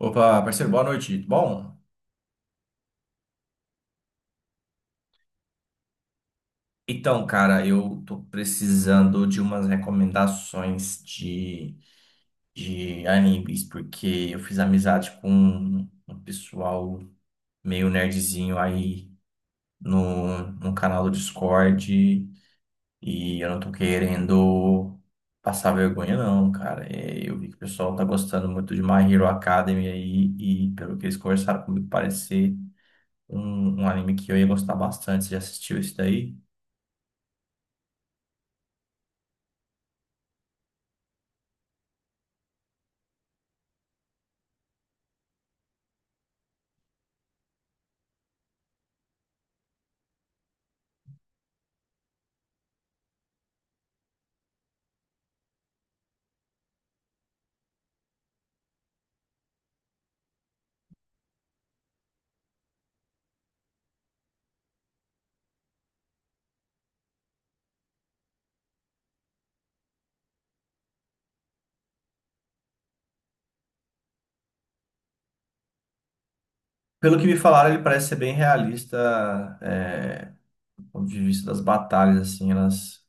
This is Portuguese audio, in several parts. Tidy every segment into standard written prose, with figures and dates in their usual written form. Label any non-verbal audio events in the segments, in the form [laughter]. Opa, parceiro, boa noite. Bom, cara, eu tô precisando de umas recomendações de animes, porque eu fiz amizade com um pessoal meio nerdzinho aí no canal do Discord e eu não tô querendo passar vergonha, não, cara. É, eu vi que o pessoal tá gostando muito de My Hero Academy aí e pelo que eles conversaram comigo, parecer um anime que eu ia gostar bastante. Você já assistiu isso daí? Pelo que me falaram, ele parece ser bem realista, é, do ponto de vista das batalhas, assim,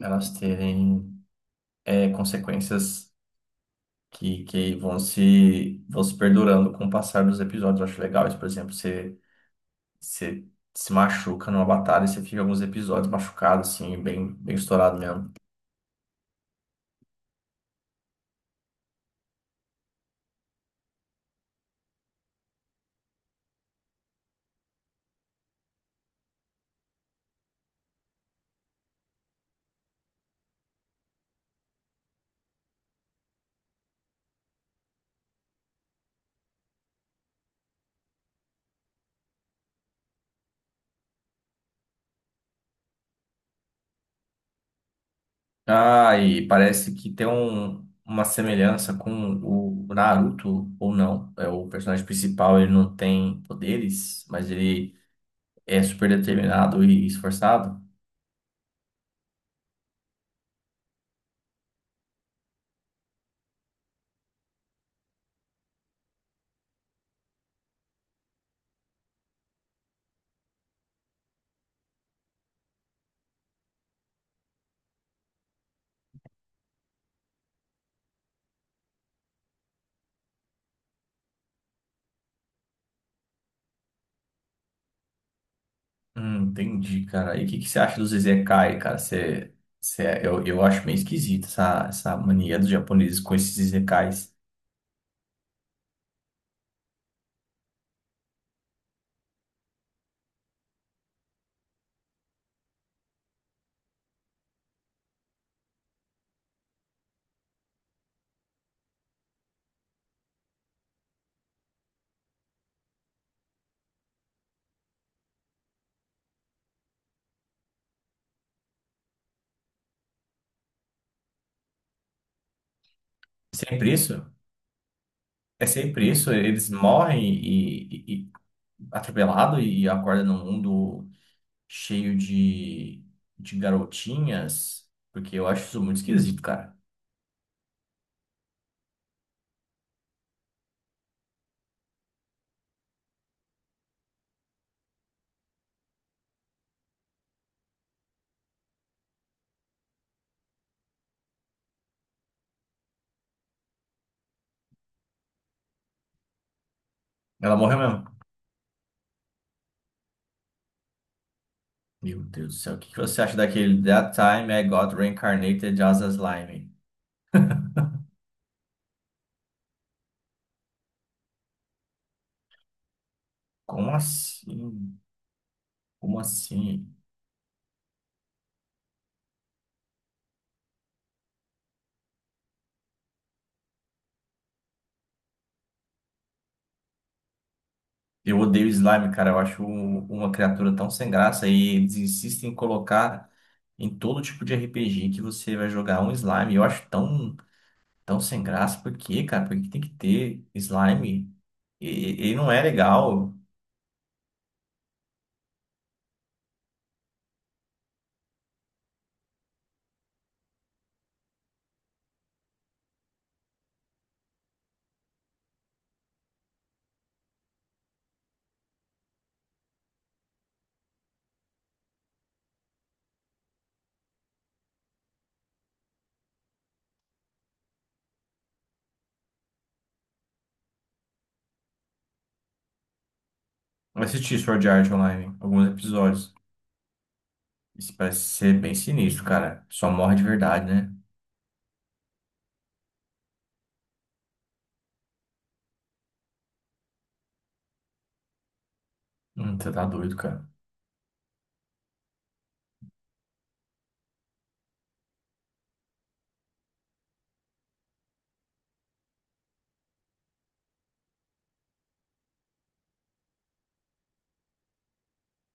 elas terem consequências que vão se perdurando com o passar dos episódios. Eu acho legal isso. Por exemplo, você se machuca numa batalha e você fica alguns episódios machucado, assim, bem estourado mesmo. Ah, e parece que tem uma semelhança com o Naruto, ou não. É, o personagem principal, ele não tem poderes, mas ele é super determinado e esforçado? Entendi, cara. E o que você acha dos Izekai, cara? Eu acho meio esquisito essa mania dos japoneses com esses Izekais. Sempre isso? É sempre isso? Eles morrem e atropelado e acordam num mundo cheio de garotinhas? Porque eu acho isso muito esquisito, cara. Ela morreu mesmo. Meu Deus do céu. O que você acha daquele That time I got reincarnated as a slime? Como assim? Como assim? Eu odeio slime, cara. Eu acho um- uma criatura tão sem graça e eles insistem em colocar em todo tipo de RPG que você vai jogar um slime. Eu acho tão sem graça. Por quê, cara? Por que tem que ter slime? E- ele não é legal. Eu assisti Sword Art Online, alguns episódios. Isso parece ser bem sinistro, cara. Só morre de verdade, né? Você tá doido, cara.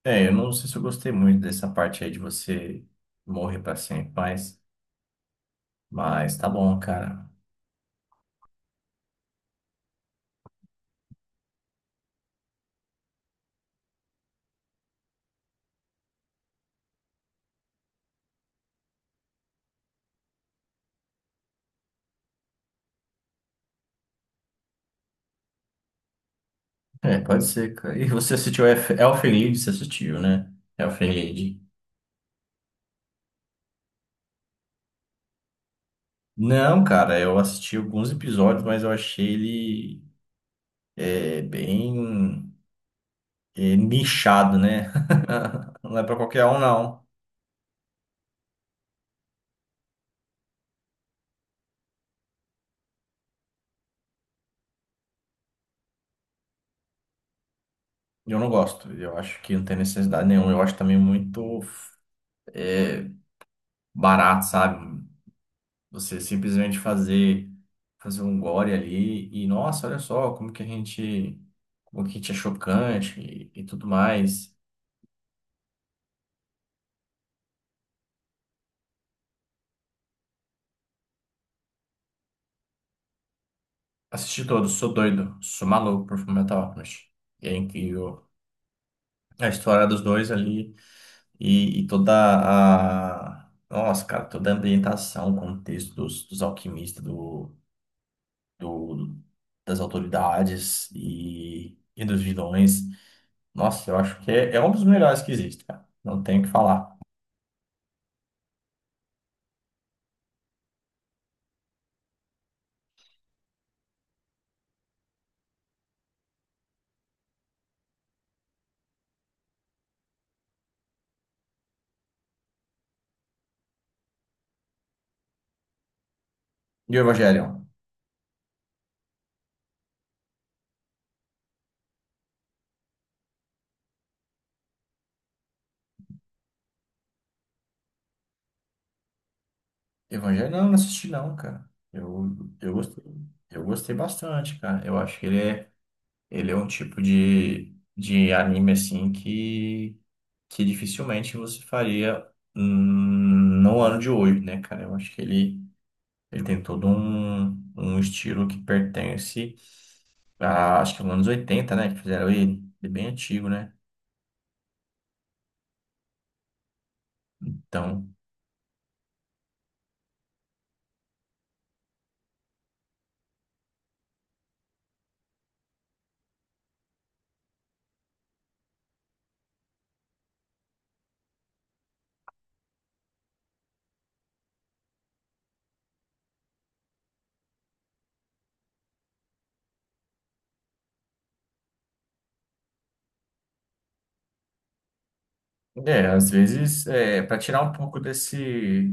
É, eu não sei se eu gostei muito dessa parte aí de você morrer pra sempre, mas tá bom, cara. É, pode ser, cara. E você assistiu Elf- Elfenlied, você assistiu, né? Elfenlied. Não, cara, eu assisti alguns episódios, mas eu achei ele bem nichado, né? [laughs] Não é pra qualquer um, não. Eu não gosto. Eu acho que não tem necessidade nenhuma. Eu acho também muito é, barato, sabe? Você simplesmente fazer um gore ali e nossa, olha só como que a gente é chocante e tudo mais. Assisti todos, sou doido, sou maluco por Fullmetal Alchemist. E é incrível a história dos dois ali e toda a nossa, cara, toda a ambientação, o contexto dos alquimistas do das autoridades e dos vilões. Nossa, eu acho que é um dos melhores que existe, cara. Não tenho o que falar. E o Evangelion? Evangelion? Não, não assisti não, cara. Eu, eu gostei, eu gostei bastante, cara. Eu acho que ele ele é um tipo de anime, assim, que dificilmente você faria no ano de hoje, né, cara? Eu acho que ele tem todo um estilo que pertence a, acho que nos anos 80, né, que fizeram ele. Ele é bem antigo, né? Então, é, às vezes, é, para tirar um pouco desse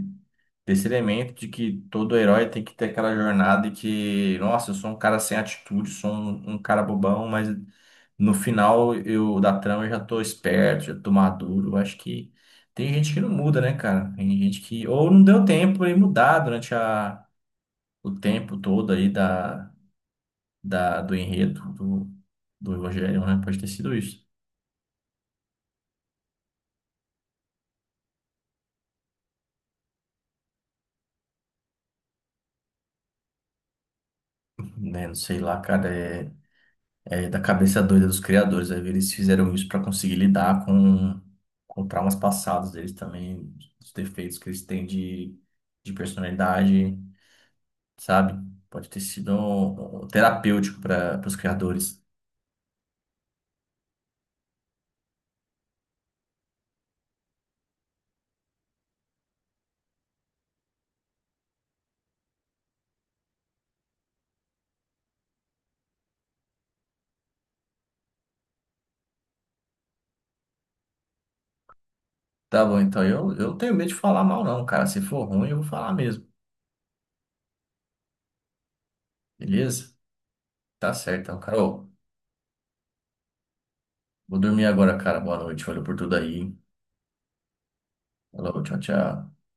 esse elemento de que todo herói tem que ter aquela jornada e que, nossa, eu sou um cara sem atitude, sou um cara bobão, mas no final eu da trama eu já tô esperto, já tô maduro. Eu acho que tem gente que não muda, né, cara? Tem gente que ou não deu tempo de mudar durante o tempo todo aí do enredo do Evangelho, né? Pode ter sido isso, né? Não sei lá, cara. É, da cabeça doida dos criadores. Aí eles fizeram isso para conseguir lidar com traumas passados deles também, os defeitos que eles têm de personalidade, sabe? Pode ter sido um- um terapêutico para os criadores. Tá bom, então eu não tenho medo de falar mal, não, cara. Se for ruim, eu vou falar mesmo, beleza? Tá certo, então, Carol. Vou dormir agora, cara. Boa noite. Valeu por tudo aí. Falou, tchau, tchau.